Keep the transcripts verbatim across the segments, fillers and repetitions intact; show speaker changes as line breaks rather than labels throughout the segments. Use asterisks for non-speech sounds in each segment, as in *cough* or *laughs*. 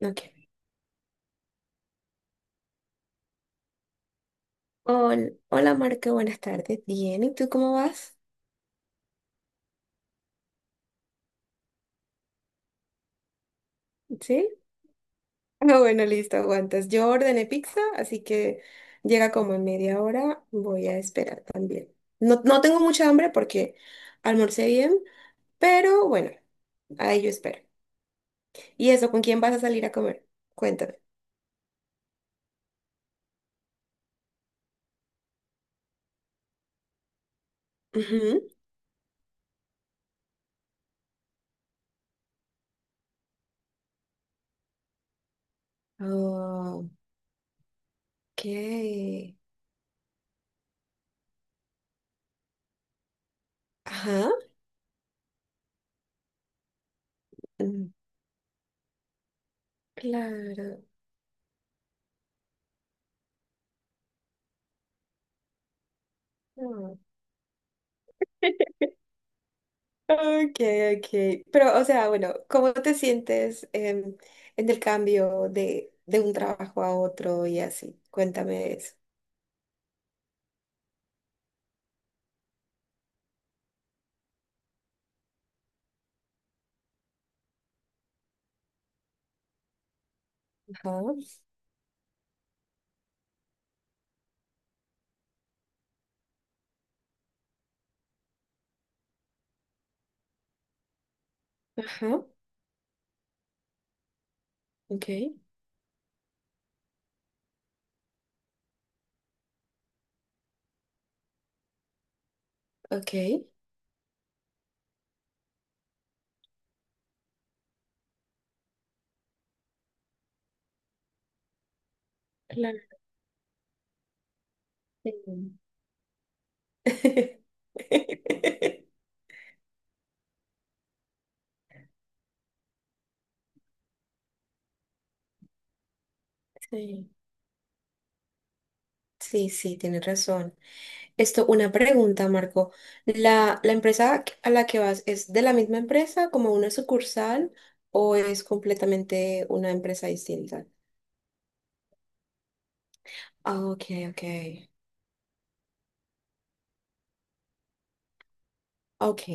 Ok. Hol- hola Marco, buenas tardes. Bien, ¿y tú cómo vas? ¿Sí? *laughs* Ah, bueno, listo, aguantas. Yo ordené pizza, así que llega como en media hora. Voy a esperar también. No, no tengo mucha hambre porque almorcé bien, pero bueno, ahí yo espero. ¿Y eso, con quién vas a salir a comer? Cuéntame. Ujú. Ok. Ajá. Mm. Claro. Ah. *laughs* Ok, ok. Pero, o sea, bueno, ¿cómo te sientes, em, en el cambio de, de un trabajo a otro y así? Cuéntame eso. Ajá, ajá, ok, ok. Claro. Sí. *laughs* Sí, sí, sí, tienes razón. Esto, una pregunta, Marco. ¿La, la empresa a la que vas es de la misma empresa, como una sucursal, o es completamente una empresa distinta? Ah, ok, ok. Ok,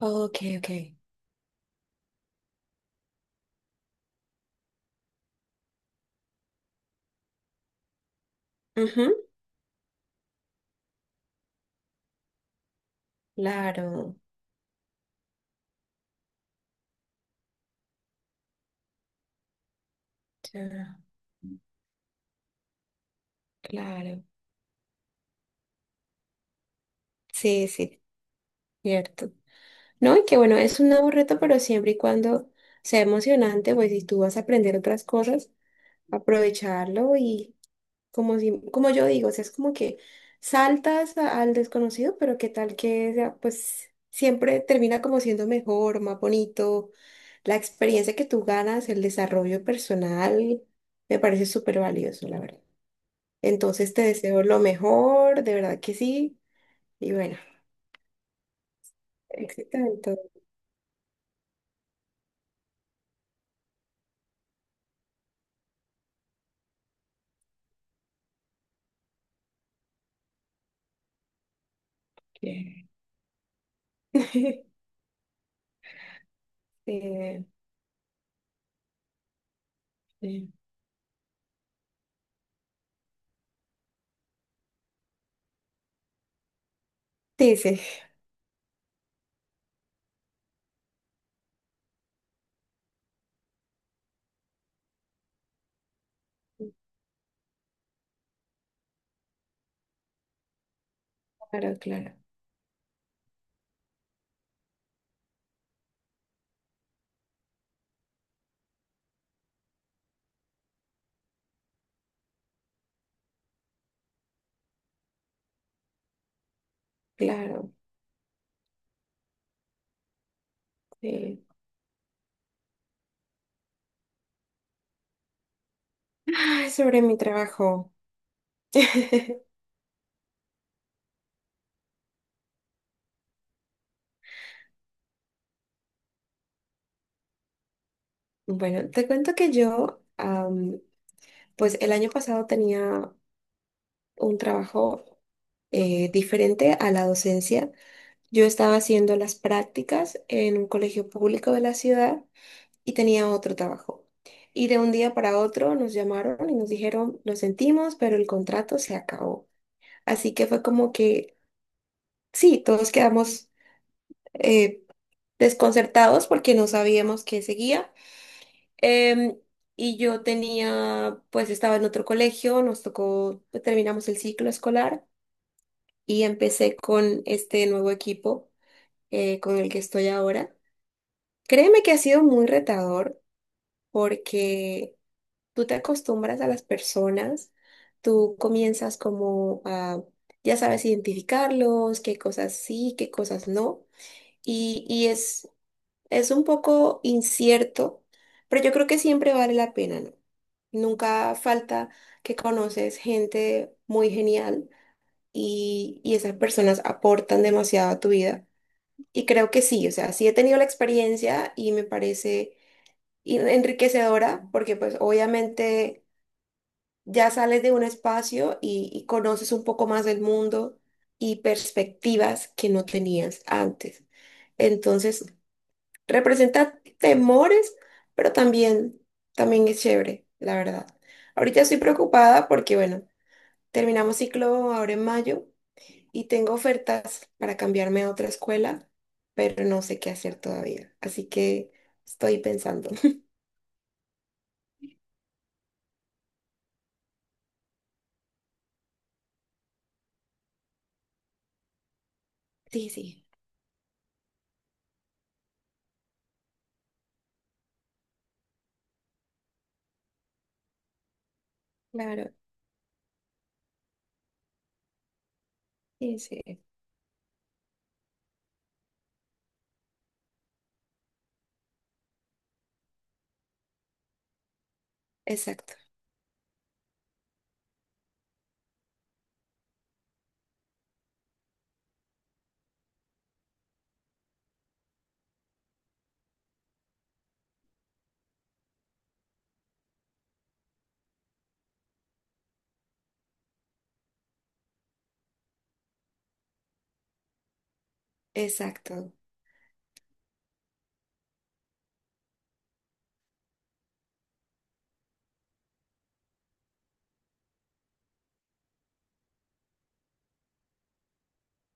ok, ok. Ujú. Claro, ya, claro. Sí, sí, cierto. No, y que bueno, es un nuevo reto, pero siempre y cuando sea emocionante, pues si tú vas a aprender otras cosas, aprovecharlo y como si, como yo digo, o sea, es como que saltas a- al desconocido, pero qué tal que sea, pues siempre termina como siendo mejor, más bonito. La experiencia que tú ganas, el desarrollo personal, me parece súper valioso, la verdad. Entonces te deseo lo mejor, de verdad que sí. Y bueno, éxito en todo lo que- *laughs* Eh, sí, sí, *laughs* sí. Claro, claro, claro. Sí. Ay, sobre mi trabajo. *laughs* Bueno, te cuento que yo, am, pues el año pasado tenía un trabajo, eh, diferente a la docencia. Yo estaba haciendo las prácticas en un colegio público de la ciudad y tenía otro trabajo. Y de un día para otro nos llamaron y nos dijeron, lo sentimos, pero el contrato se acabó. Así que fue como que, sí, todos quedamos, eh, desconcertados porque no sabíamos qué seguía. Em, y yo tenía, pues estaba en otro colegio, nos tocó, pues, terminamos el ciclo escolar y empecé con este nuevo equipo, eh, con el que estoy ahora. Créeme que ha sido muy retador porque tú te acostumbras a las personas, tú comienzas como a, ya sabes, identificarlos, qué cosas sí, qué cosas no, y, y es, es un poco incierto, pero yo creo que siempre vale la pena, ¿no? Nunca falta que conoces gente muy genial y, y esas personas aportan demasiado a tu vida. Y creo que sí, o sea, sí he tenido la experiencia y me parece in- enriquecedora porque pues obviamente ya sales de un espacio y, y conoces un poco más del mundo y perspectivas que no tenías antes. Entonces, representa temores, pero también, también es chévere, la verdad. Ahorita estoy preocupada porque, bueno, terminamos ciclo ahora en mayo y tengo ofertas para cambiarme a otra escuela, pero no sé qué hacer todavía. Así que estoy pensando. *laughs* Sí, sí, claro, sí, sí, exacto, exacto.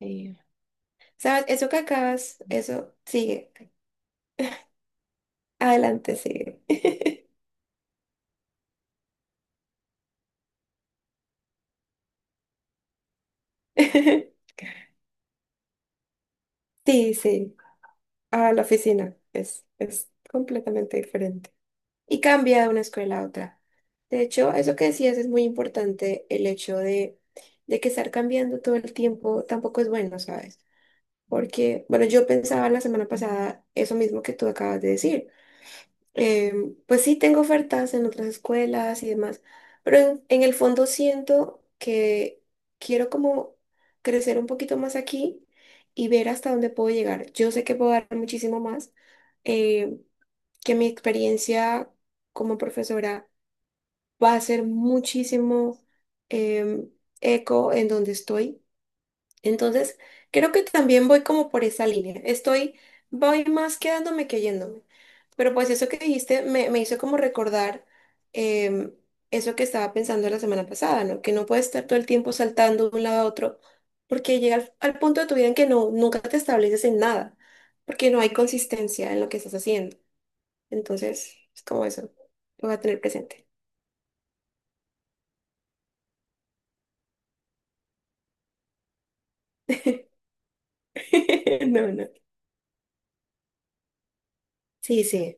Eh, ¿sabes? Eso que acabas, eso sigue. Adelante, sigue. *laughs* Sí, sí, a la oficina. Es, es completamente diferente. Y cambia de una escuela a otra. De hecho, eso que decías es muy importante, el hecho de, de que estar cambiando todo el tiempo tampoco es bueno, ¿sabes? Porque, bueno, yo pensaba la semana pasada eso mismo que tú acabas de decir. Eh, pues sí, tengo ofertas en otras escuelas y demás, pero en, en el fondo siento que quiero como crecer un poquito más aquí y ver hasta dónde puedo llegar. Yo sé que puedo dar muchísimo más, eh, que mi experiencia como profesora va a ser muchísimo, em, eco en donde estoy. Entonces, creo que también voy como por esa línea. Estoy, voy más quedándome que yéndome. Pero pues eso que dijiste me, me hizo como recordar, em, eso que estaba pensando la semana pasada, ¿no? Que no puedes estar todo el tiempo saltando de un lado a otro, porque llega al, al punto de tu vida en que no, nunca te estableces en nada, porque no hay consistencia en lo que estás haciendo. Entonces, es como eso. Lo voy a tener presente. *laughs* No, no. Sí, sí,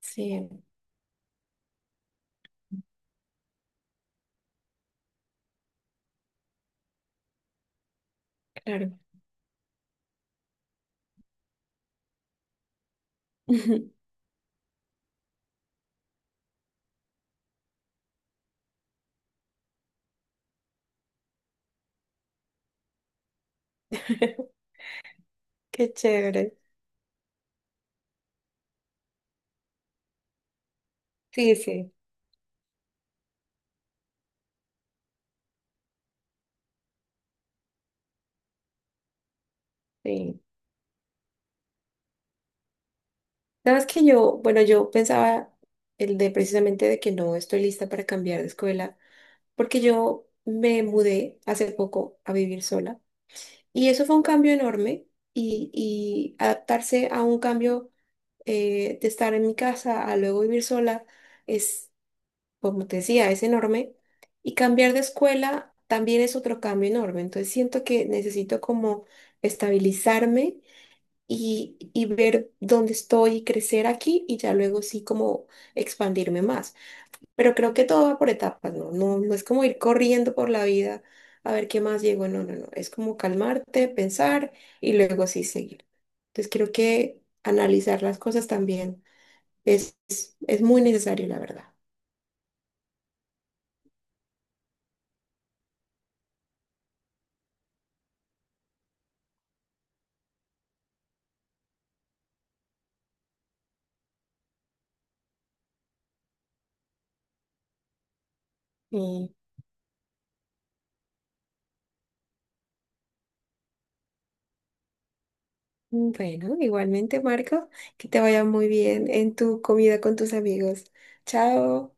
sí, claro. *laughs* Qué chévere. Sí, sí, sí. Sabes que yo, bueno, yo pensaba el de precisamente de que no estoy lista para cambiar de escuela, porque yo me mudé hace poco a vivir sola y eso fue un cambio enorme y, y adaptarse a un cambio, eh, de estar en mi casa a luego vivir sola es, como te decía, es enorme y cambiar de escuela también es otro cambio enorme. Entonces siento que necesito como estabilizarme y, y ver dónde estoy y crecer aquí y ya luego sí como expandirme más. Pero creo que todo va por etapas, ¿no? No, no es como ir corriendo por la vida a ver qué más llego, no, no, no, es como calmarte, pensar y luego sí seguir. Entonces creo que analizar las cosas también es, es es muy necesario, la verdad. Y bueno, igualmente, Marco, que te vaya muy bien en tu comida con tus amigos. Chao.